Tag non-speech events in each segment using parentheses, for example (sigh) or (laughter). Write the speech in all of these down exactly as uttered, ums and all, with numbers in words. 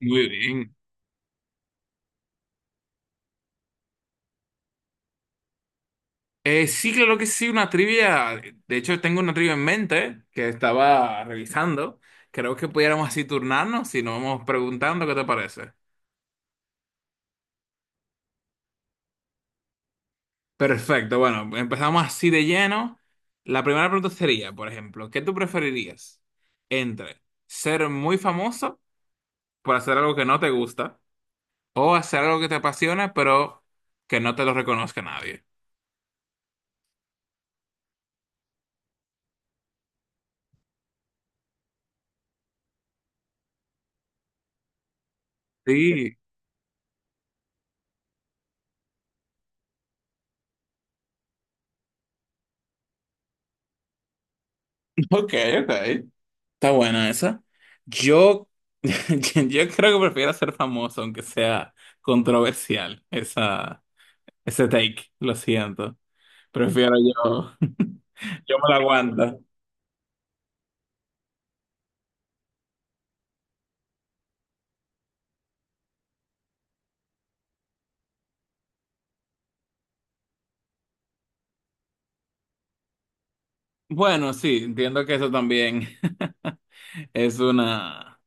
Muy bien. Eh, sí, claro que sí, una trivia. De hecho, tengo una trivia en mente que estaba revisando. Creo que pudiéramos así turnarnos si nos vamos preguntando, ¿qué te parece? Perfecto, bueno, empezamos así de lleno. La primera pregunta sería, por ejemplo, ¿qué tú preferirías entre ser muy famoso por hacer algo que no te gusta o hacer algo que te apasiona pero que no te lo reconozca nadie? Sí, (laughs) ok, ok. Está buena esa. Yo, (laughs) yo creo que prefiero ser famoso, aunque sea controversial, esa, ese take, lo siento. Prefiero yo, (laughs) yo me la aguanto. Bueno, sí, entiendo que eso también (laughs) es una,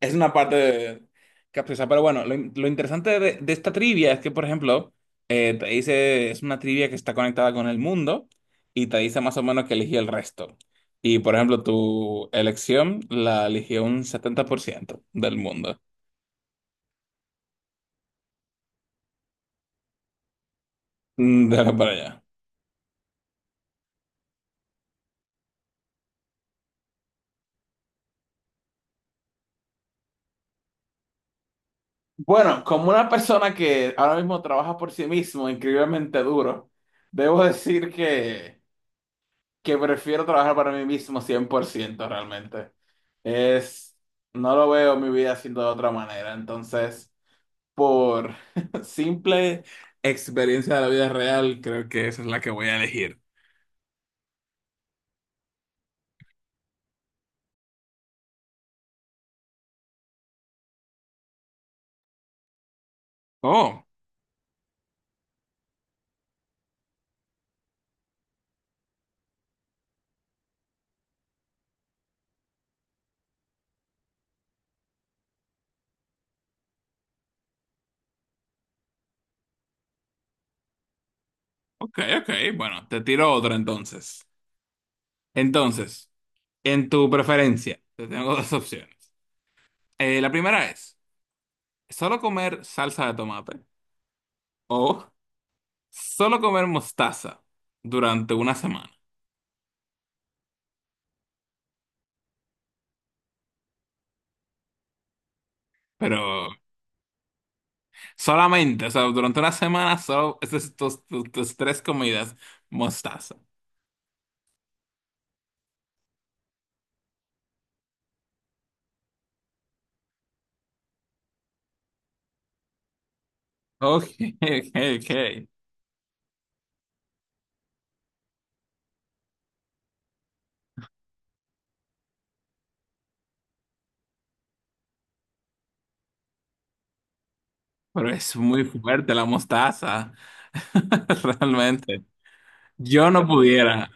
es una parte capciosa, pero bueno, lo, in- lo interesante de, de esta trivia es que, por ejemplo, eh, te dice, es una trivia que está conectada con el mundo y te dice más o menos que eligió el resto. Y, por ejemplo, tu elección la eligió un setenta por ciento del mundo. Mm, dale para allá. Bueno, como una persona que ahora mismo trabaja por sí mismo increíblemente duro, debo decir que que prefiero trabajar para mí mismo cien por ciento realmente. Es, no lo veo mi vida siendo de otra manera. Entonces, por (laughs) simple experiencia de la vida real, creo que esa es la que voy a elegir. Oh, ok, ok. Bueno, te tiro otra entonces. Entonces, en tu preferencia, te tengo (laughs) dos opciones. Eh, la primera es, solo comer salsa de tomate o solo comer mostaza durante una semana. Pero solamente, o sea, durante una semana solo esas tus, tus- tus tres comidas mostaza. Ok, (laughs) ok, ok. Pero es muy fuerte la mostaza. (laughs) Realmente. Yo no pudiera.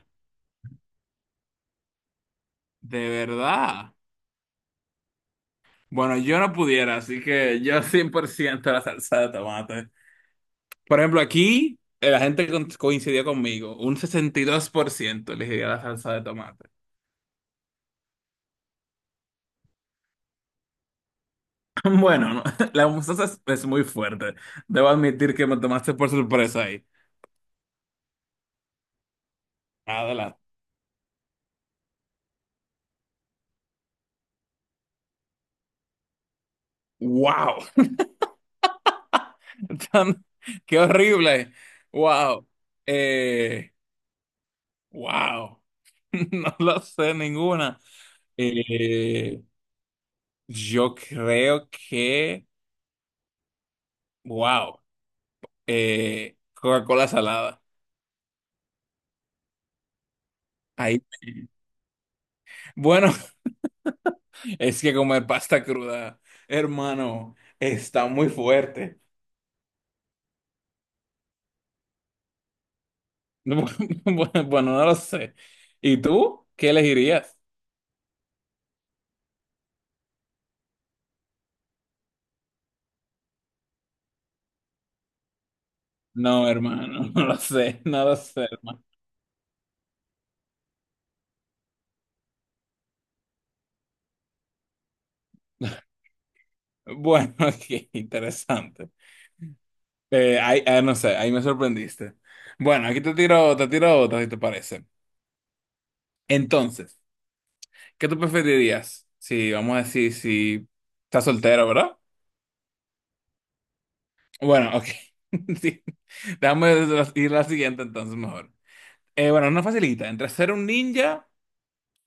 De verdad. Bueno, yo no pudiera, así que yo (laughs) cien por ciento la salsa de tomate. Por ejemplo, aquí eh, la gente con- coincidió conmigo. Un sesenta y dos por ciento elegiría la salsa de tomate. (laughs) Bueno, no, (laughs) la mostaza es, es muy fuerte. Debo admitir que me tomaste por sorpresa ahí. Adelante. Wow. (laughs) Tan- qué horrible. Wow. Eh, wow. (laughs) No lo sé ninguna. Eh, yo creo que, wow. Eh, Coca-Cola salada. Ahí. Bueno, (laughs) es que comer pasta cruda, hermano, está muy fuerte. (laughs) Bueno, no lo sé. ¿Y tú? ¿Qué elegirías? No, hermano, (laughs) no lo sé, no lo sé, hermano. Bueno, (laughs) qué interesante. Eh, ahí- ah, no sé, ahí me sorprendiste. Bueno, aquí te tiro, te tiro otra, si te parece. Entonces, ¿qué tú preferirías? Si, vamos a decir, si estás soltero, ¿verdad? Bueno, ok. (laughs) Sí. Déjame ir a la siguiente entonces mejor. Eh, bueno, una facilita. Entre ser un ninja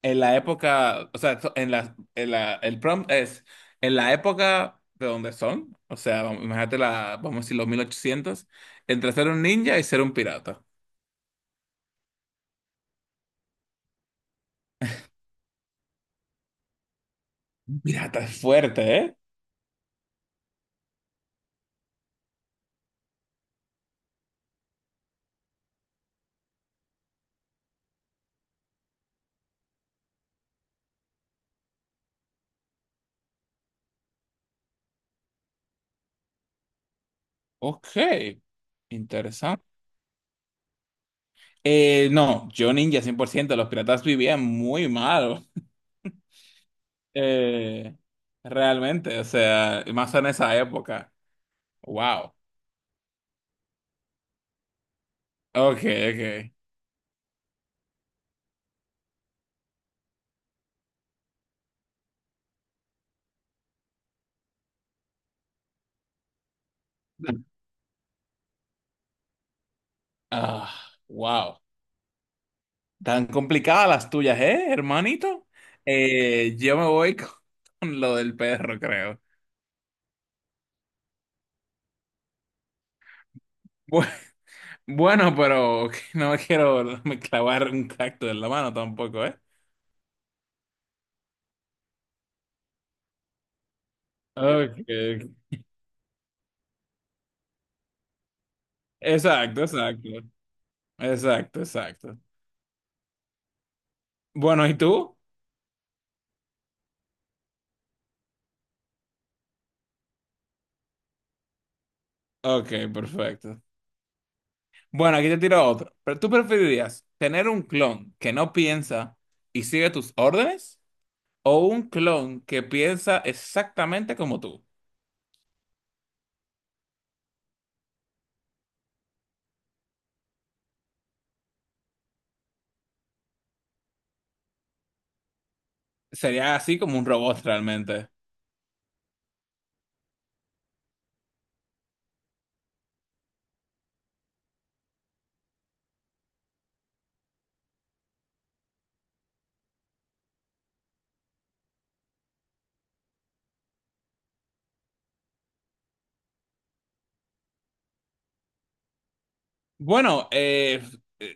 en la época, o sea, so- en la, en la, el prompt es en la época de donde son, o sea, vam- imagínate la, vamos a decir los mil ochocientos, entre ser un ninja y ser un pirata. Un pirata es fuerte, ¿eh? Ok, interesante. Eh, no, yo ninja cien por ciento. Los piratas vivían muy mal, (laughs) eh, realmente, o sea, y más en esa época. Wow. Ok, ok. Ah, wow. Tan complicadas las tuyas, ¿eh, hermanito? Eh, yo me voy con con lo del perro, creo. Bu- Bueno, pero (laughs) no me quiero (laughs) clavar un cactus en la mano tampoco, ¿eh? Okay, ok. Exacto, exacto. Exacto, exacto. Bueno, ¿y tú? Ok, perfecto. Bueno, aquí te tiro otro. ¿Pero tú preferirías tener un clon que no piensa y sigue tus órdenes o un clon que piensa exactamente como tú? Sería así como un robot realmente. Bueno, eh,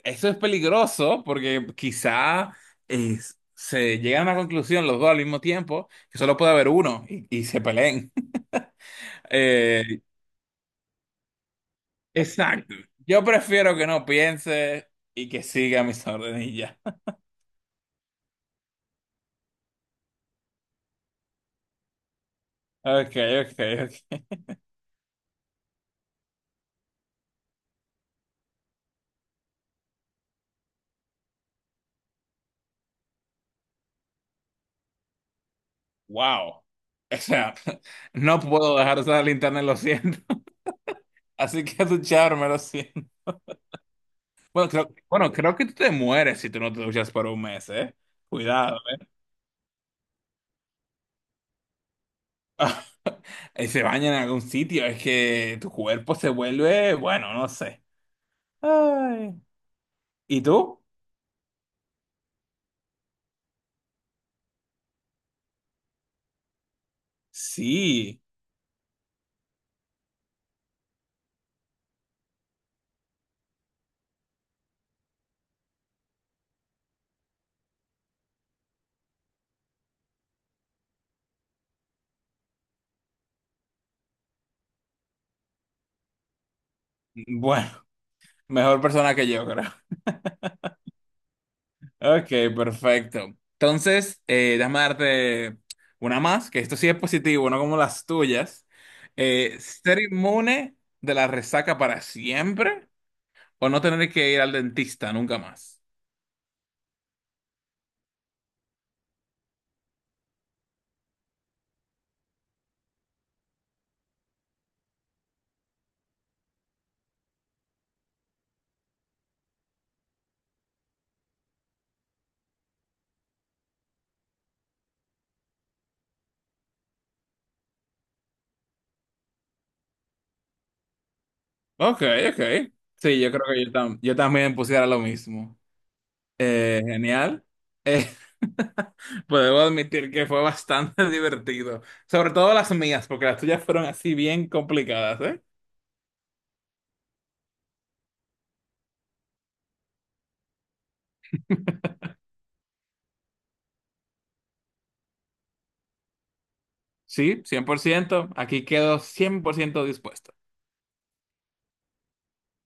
eso es peligroso porque quizá eh, se llegan a una conclusión los dos al mismo tiempo, que solo puede haber uno y, y se peleen. (laughs) Eh, exacto. Yo prefiero que no piense y que siga mis ordenillas. (laughs) Ok, ok, ok. Wow. O sea, (laughs) no puedo dejar usar el internet, lo siento. (laughs) Así que tu char, me lo siento. Bueno, creo, bueno, creo que tú te mueres si tú no te duchas por un mes, ¿eh? Cuidado, ¿eh? (laughs) Y se baña en algún sitio, es que tu cuerpo se vuelve, bueno, no sé. Ay. ¿Y tú? Sí. Bueno, (laughs) mejor persona que yo, creo. (laughs) Ok, perfecto. Entonces, eh, déjame darte una más, que esto sí es positivo, no como las tuyas. Eh, ¿ser inmune de la resaca para siempre o no tener que ir al dentista nunca más? Ok, ok. Sí, yo creo que yo, tam- yo también pusiera lo mismo. Eh, genial. Eh, (laughs) pues debo admitir que fue bastante (laughs) divertido. Sobre todo las mías, porque las tuyas fueron así bien complicadas, ¿eh? Sí, cien por ciento. Aquí quedo cien por ciento dispuesto.